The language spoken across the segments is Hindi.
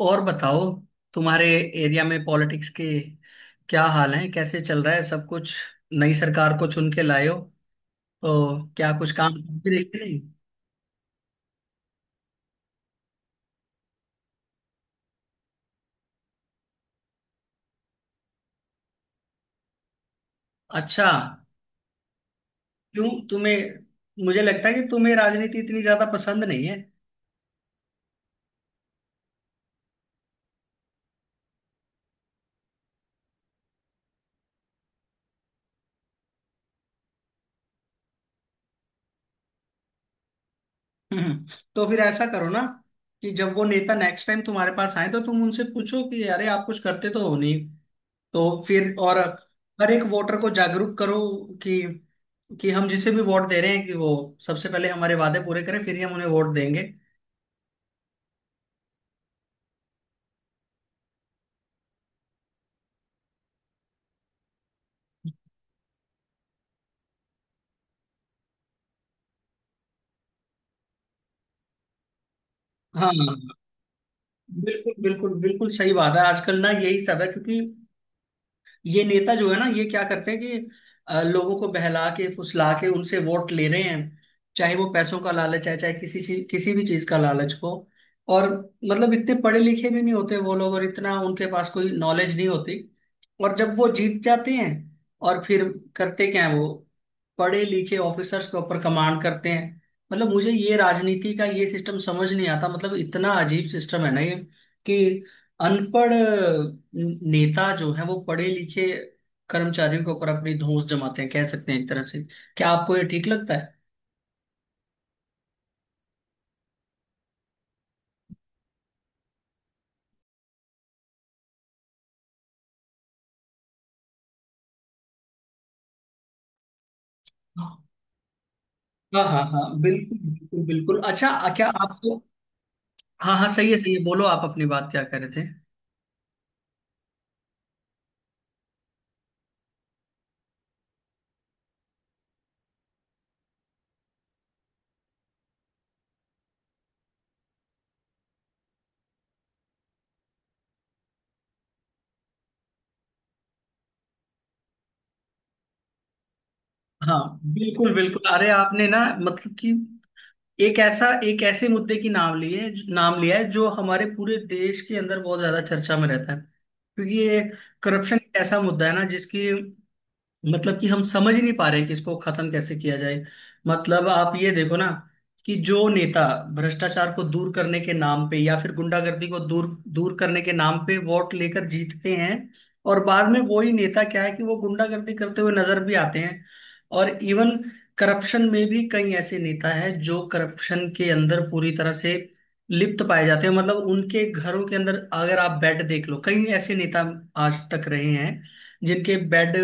और बताओ तुम्हारे एरिया में पॉलिटिक्स के क्या हाल है। कैसे चल रहा है सब कुछ। नई सरकार को चुन के लाए हो तो क्या कुछ काम भी देखते नहीं। अच्छा, क्यों तुम्हें मुझे लगता है कि तुम्हें राजनीति इतनी ज्यादा पसंद नहीं है। हम्म, तो फिर ऐसा करो ना कि जब वो नेता नेक्स्ट टाइम तुम्हारे पास आए तो तुम उनसे पूछो कि अरे आप कुछ करते तो हो नहीं। तो फिर और हर एक वोटर को जागरूक करो कि कि हम जिसे भी वोट दे रहे हैं कि वो सबसे पहले हमारे वादे पूरे करें फिर ही हम उन्हें वोट देंगे। हाँ, बिल्कुल बिल्कुल बिल्कुल सही बात है। आजकल ना यही सब है, क्योंकि ये नेता जो है ना ये क्या करते हैं कि लोगों को बहला के फुसला के उनसे वोट ले रहे हैं। चाहे वो पैसों का लालच है चाहे किसी भी चीज का लालच हो। और मतलब इतने पढ़े लिखे भी नहीं होते वो लोग, और इतना उनके पास कोई नॉलेज नहीं होती। और जब वो जीत जाते हैं और फिर करते क्या है वो, पढ़े लिखे ऑफिसर्स के ऊपर कमांड करते हैं। मतलब मुझे ये राजनीति का ये सिस्टम समझ नहीं आता। मतलब इतना अजीब सिस्टम है ना ये, कि अनपढ़ नेता जो है वो पढ़े लिखे कर्मचारियों के ऊपर अपनी धौंस जमाते हैं, कह सकते हैं एक तरह से। क्या आपको ये ठीक लगता है। हाँ हाँ हाँ, बिल्कुल बिल्कुल बिल्कुल अच्छा, क्या आपको हाँ हाँ, सही है सही है, बोलो आप अपनी बात क्या कर रहे थे। हाँ, बिल्कुल बिल्कुल अरे आपने ना मतलब कि एक ऐसे मुद्दे की नाम ली है नाम लिया है जो हमारे पूरे देश के अंदर बहुत ज्यादा चर्चा में रहता है। क्योंकि ये करप्शन एक ऐसा मुद्दा है ना जिसकी मतलब कि हम समझ ही नहीं पा रहे हैं कि इसको खत्म कैसे किया जाए। मतलब आप ये देखो ना कि जो नेता भ्रष्टाचार को दूर करने के नाम पे या फिर गुंडागर्दी को दूर दूर करने के नाम पे वोट लेकर जीतते हैं, और बाद में वही नेता क्या है कि वो गुंडागर्दी करते हुए नजर भी आते हैं। और इवन करप्शन में भी कई ऐसे नेता हैं जो करप्शन के अंदर पूरी तरह से लिप्त पाए जाते हैं। मतलब उनके घरों के अंदर अगर आप बेड देख लो, कई ऐसे नेता आज तक रहे हैं जिनके बेड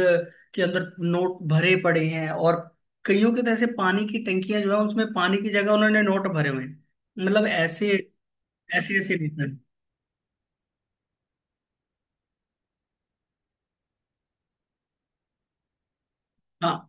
के अंदर नोट भरे पड़े हैं, और कईयों के तो ऐसे पानी की टंकियां जो है उसमें पानी की जगह उन्होंने नोट भरे हुए हैं। मतलब ऐसे ऐसे ऐसे नहीं सर। हाँ,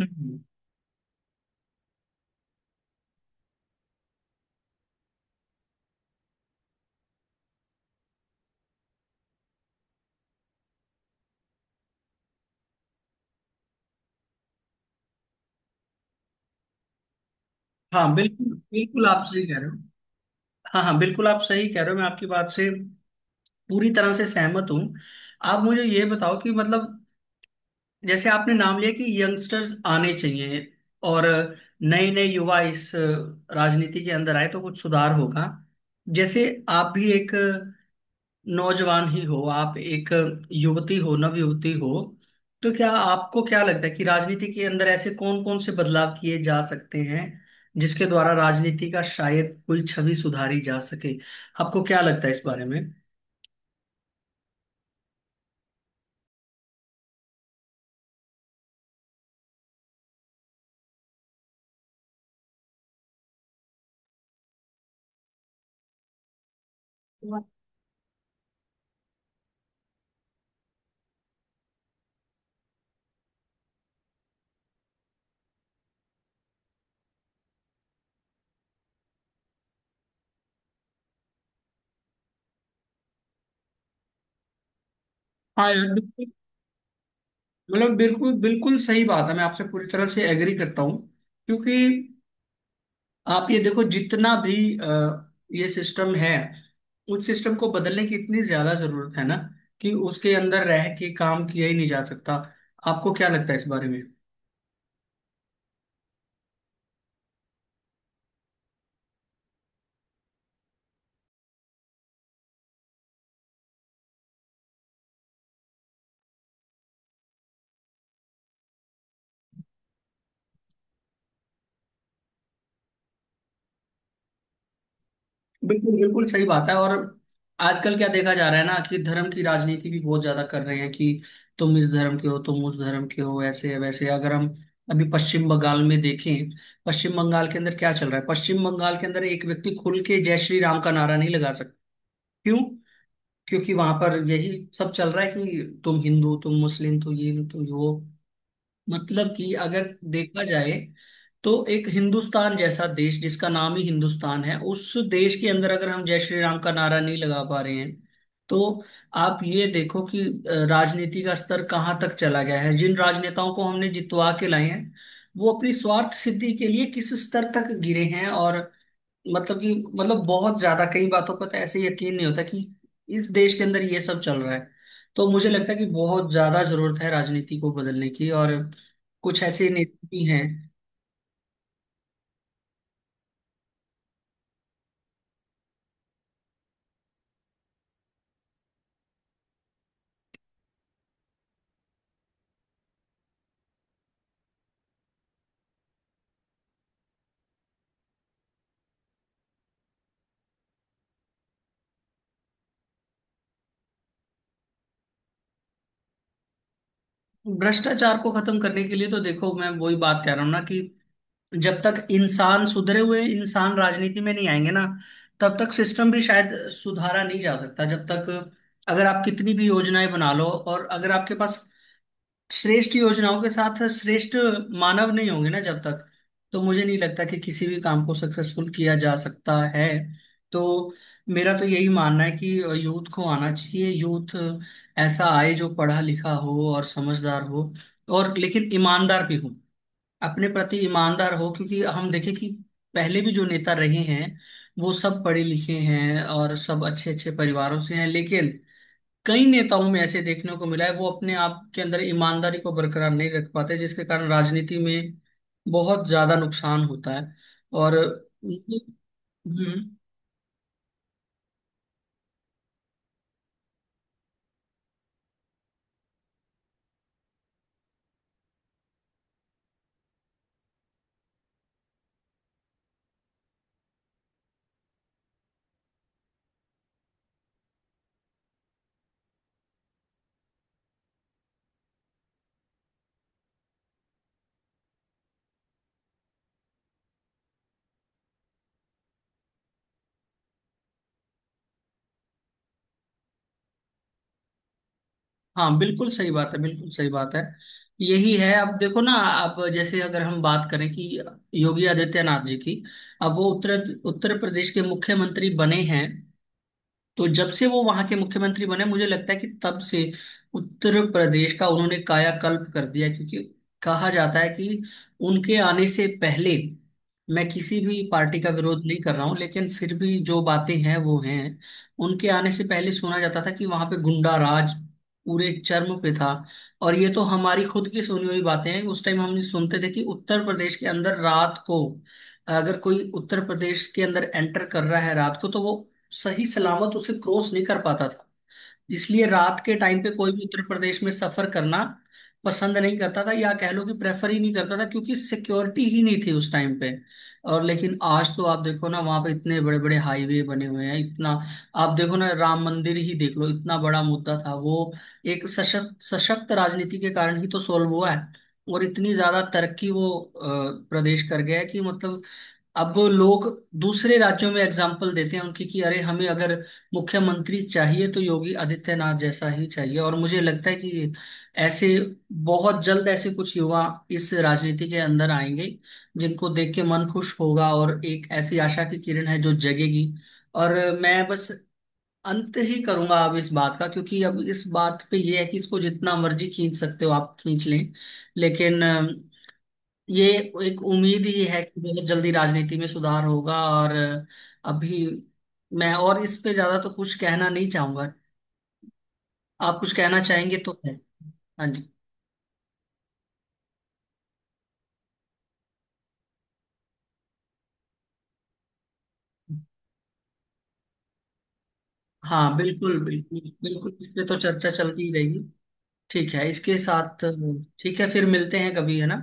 हम्म, हम्म। हाँ बिल्कुल बिल्कुल, आप सही कह रहे हो। हाँ हाँ बिल्कुल, आप सही कह रहे हो। मैं आपकी बात से पूरी तरह से सहमत हूँ। आप मुझे ये बताओ कि मतलब जैसे आपने नाम लिया कि यंगस्टर्स आने चाहिए, और नए नए युवा इस राजनीति के अंदर आए तो कुछ सुधार होगा। जैसे आप भी एक नौजवान ही हो, आप एक युवती हो, नव युवती हो। तो क्या आपको क्या लगता है कि राजनीति के अंदर ऐसे कौन कौन से बदलाव किए जा सकते हैं जिसके द्वारा राजनीति का शायद कोई छवि सुधारी जा सके। आपको क्या लगता है इस बारे में। हाँ यार बिल्कुल, मतलब बिल्कुल बिल्कुल सही बात है। मैं आपसे पूरी तरह से एग्री करता हूँ, क्योंकि आप ये देखो, जितना भी ये सिस्टम है उस सिस्टम को बदलने की इतनी ज्यादा जरूरत है ना, कि उसके अंदर रह के काम किया ही नहीं जा सकता। आपको क्या लगता है इस बारे में। बिल्कुल बिल्कुल सही बात है। और आजकल क्या देखा जा रहा है ना कि धर्म की राजनीति भी बहुत ज्यादा कर रहे हैं कि तुम इस धर्म के हो तुम उस धर्म के हो, ऐसे है वैसे है। अगर हम अभी पश्चिम बंगाल में देखें, पश्चिम बंगाल के अंदर क्या चल रहा है, पश्चिम बंगाल के अंदर एक व्यक्ति खुल के जय श्री राम का नारा नहीं लगा सकता। क्यों? क्योंकि वहां पर यही सब चल रहा है कि तुम हिंदू तुम मुस्लिम तुम ये तुम वो। मतलब कि अगर देखा जाए तो एक हिंदुस्तान जैसा देश जिसका नाम ही हिंदुस्तान है, उस देश के अंदर अगर हम जय श्री राम का नारा नहीं लगा पा रहे हैं, तो आप ये देखो कि राजनीति का स्तर कहाँ तक चला गया है। जिन राजनेताओं को हमने जितवा के लाए हैं वो अपनी स्वार्थ सिद्धि के लिए किस स्तर तक गिरे हैं। और मतलब कि मतलब बहुत ज्यादा कई बातों पर तो ऐसे यकीन नहीं होता कि इस देश के अंदर ये सब चल रहा है। तो मुझे लगता है कि बहुत ज्यादा जरूरत है राजनीति को बदलने की, और कुछ ऐसे नेता भी हैं। भ्रष्टाचार को खत्म करने के लिए तो देखो मैं वही बात कह रहा हूँ ना कि जब तक इंसान सुधरे हुए इंसान राजनीति में नहीं आएंगे ना तब तक सिस्टम भी शायद सुधारा नहीं जा सकता। जब तक अगर आप कितनी भी योजनाएं बना लो, और अगर आपके पास श्रेष्ठ योजनाओं के साथ श्रेष्ठ मानव नहीं होंगे ना जब तक, तो मुझे नहीं लगता कि किसी भी काम को सक्सेसफुल किया जा सकता है। तो मेरा तो यही मानना है कि यूथ को आना चाहिए। यूथ ऐसा आए जो पढ़ा लिखा हो और समझदार हो, और लेकिन ईमानदार भी हो, अपने प्रति ईमानदार हो। क्योंकि हम देखें कि पहले भी जो नेता रहे हैं वो सब पढ़े लिखे हैं और सब अच्छे अच्छे परिवारों से हैं, लेकिन कई नेताओं में ऐसे देखने को मिला है वो अपने आप के अंदर ईमानदारी को बरकरार नहीं रख पाते, जिसके कारण राजनीति में बहुत ज्यादा नुकसान होता है। और हम्म, हाँ बिल्कुल सही बात है, बिल्कुल सही बात है। यही है, अब देखो ना, अब जैसे अगर हम बात करें कि योगी आदित्यनाथ जी की, अब वो उत्तर उत्तर प्रदेश के मुख्यमंत्री बने हैं। तो जब से वो वहां के मुख्यमंत्री बने मुझे लगता है कि तब से उत्तर प्रदेश का उन्होंने कायाकल्प कर दिया। क्योंकि कहा जाता है कि उनके आने से पहले, मैं किसी भी पार्टी का विरोध नहीं कर रहा हूं लेकिन फिर भी जो बातें हैं वो हैं, उनके आने से पहले सुना जाता था कि वहां पे गुंडा राज पूरे चर्म पे था। और ये तो हमारी खुद की सुनी हुई बातें हैं, उस टाइम हम सुनते थे कि उत्तर प्रदेश के अंदर रात को, अगर कोई उत्तर प्रदेश के अंदर एंटर कर रहा है रात को तो वो सही सलामत उसे क्रॉस नहीं कर पाता था। इसलिए रात के टाइम पे कोई भी उत्तर प्रदेश में सफर करना पसंद नहीं करता था, या कह लो कि प्रेफर ही नहीं करता था, क्योंकि सिक्योरिटी ही नहीं थी उस टाइम पे। और लेकिन आज तो आप देखो ना, वहां पे इतने बड़े बड़े हाईवे बने हुए हैं, इतना आप देखो ना, राम मंदिर ही देख लो, इतना बड़ा मुद्दा था वो, एक सशक्त सशक्त राजनीति के कारण ही तो सॉल्व हुआ है। और इतनी ज्यादा तरक्की वो प्रदेश कर गया है कि मतलब अब लोग दूसरे राज्यों में एग्जाम्पल देते हैं उनकी कि अरे हमें अगर मुख्यमंत्री चाहिए तो योगी आदित्यनाथ जैसा ही चाहिए। और मुझे लगता है कि ऐसे बहुत जल्द ऐसे कुछ युवा इस राजनीति के अंदर आएंगे जिनको देख के मन खुश होगा, और एक ऐसी आशा की किरण है जो जगेगी। और मैं बस अंत ही करूंगा अब इस बात का, क्योंकि अब इस बात पे ये है कि इसको जितना मर्जी खींच सकते हो आप खींच लें, लेकिन ये एक उम्मीद ही है कि बहुत जल्दी राजनीति में सुधार होगा। और अभी मैं और इस पे ज्यादा तो कुछ कहना नहीं चाहूंगा। आप कुछ कहना चाहेंगे तो है। हाँ जी। हाँ, बिल्कुल बिल्कुल बिल्कुल इस पे तो चर्चा चलती ही रहेगी। ठीक है, इसके साथ ठीक है, फिर मिलते हैं कभी, है ना।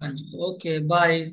हाँ जी, ओके बाय।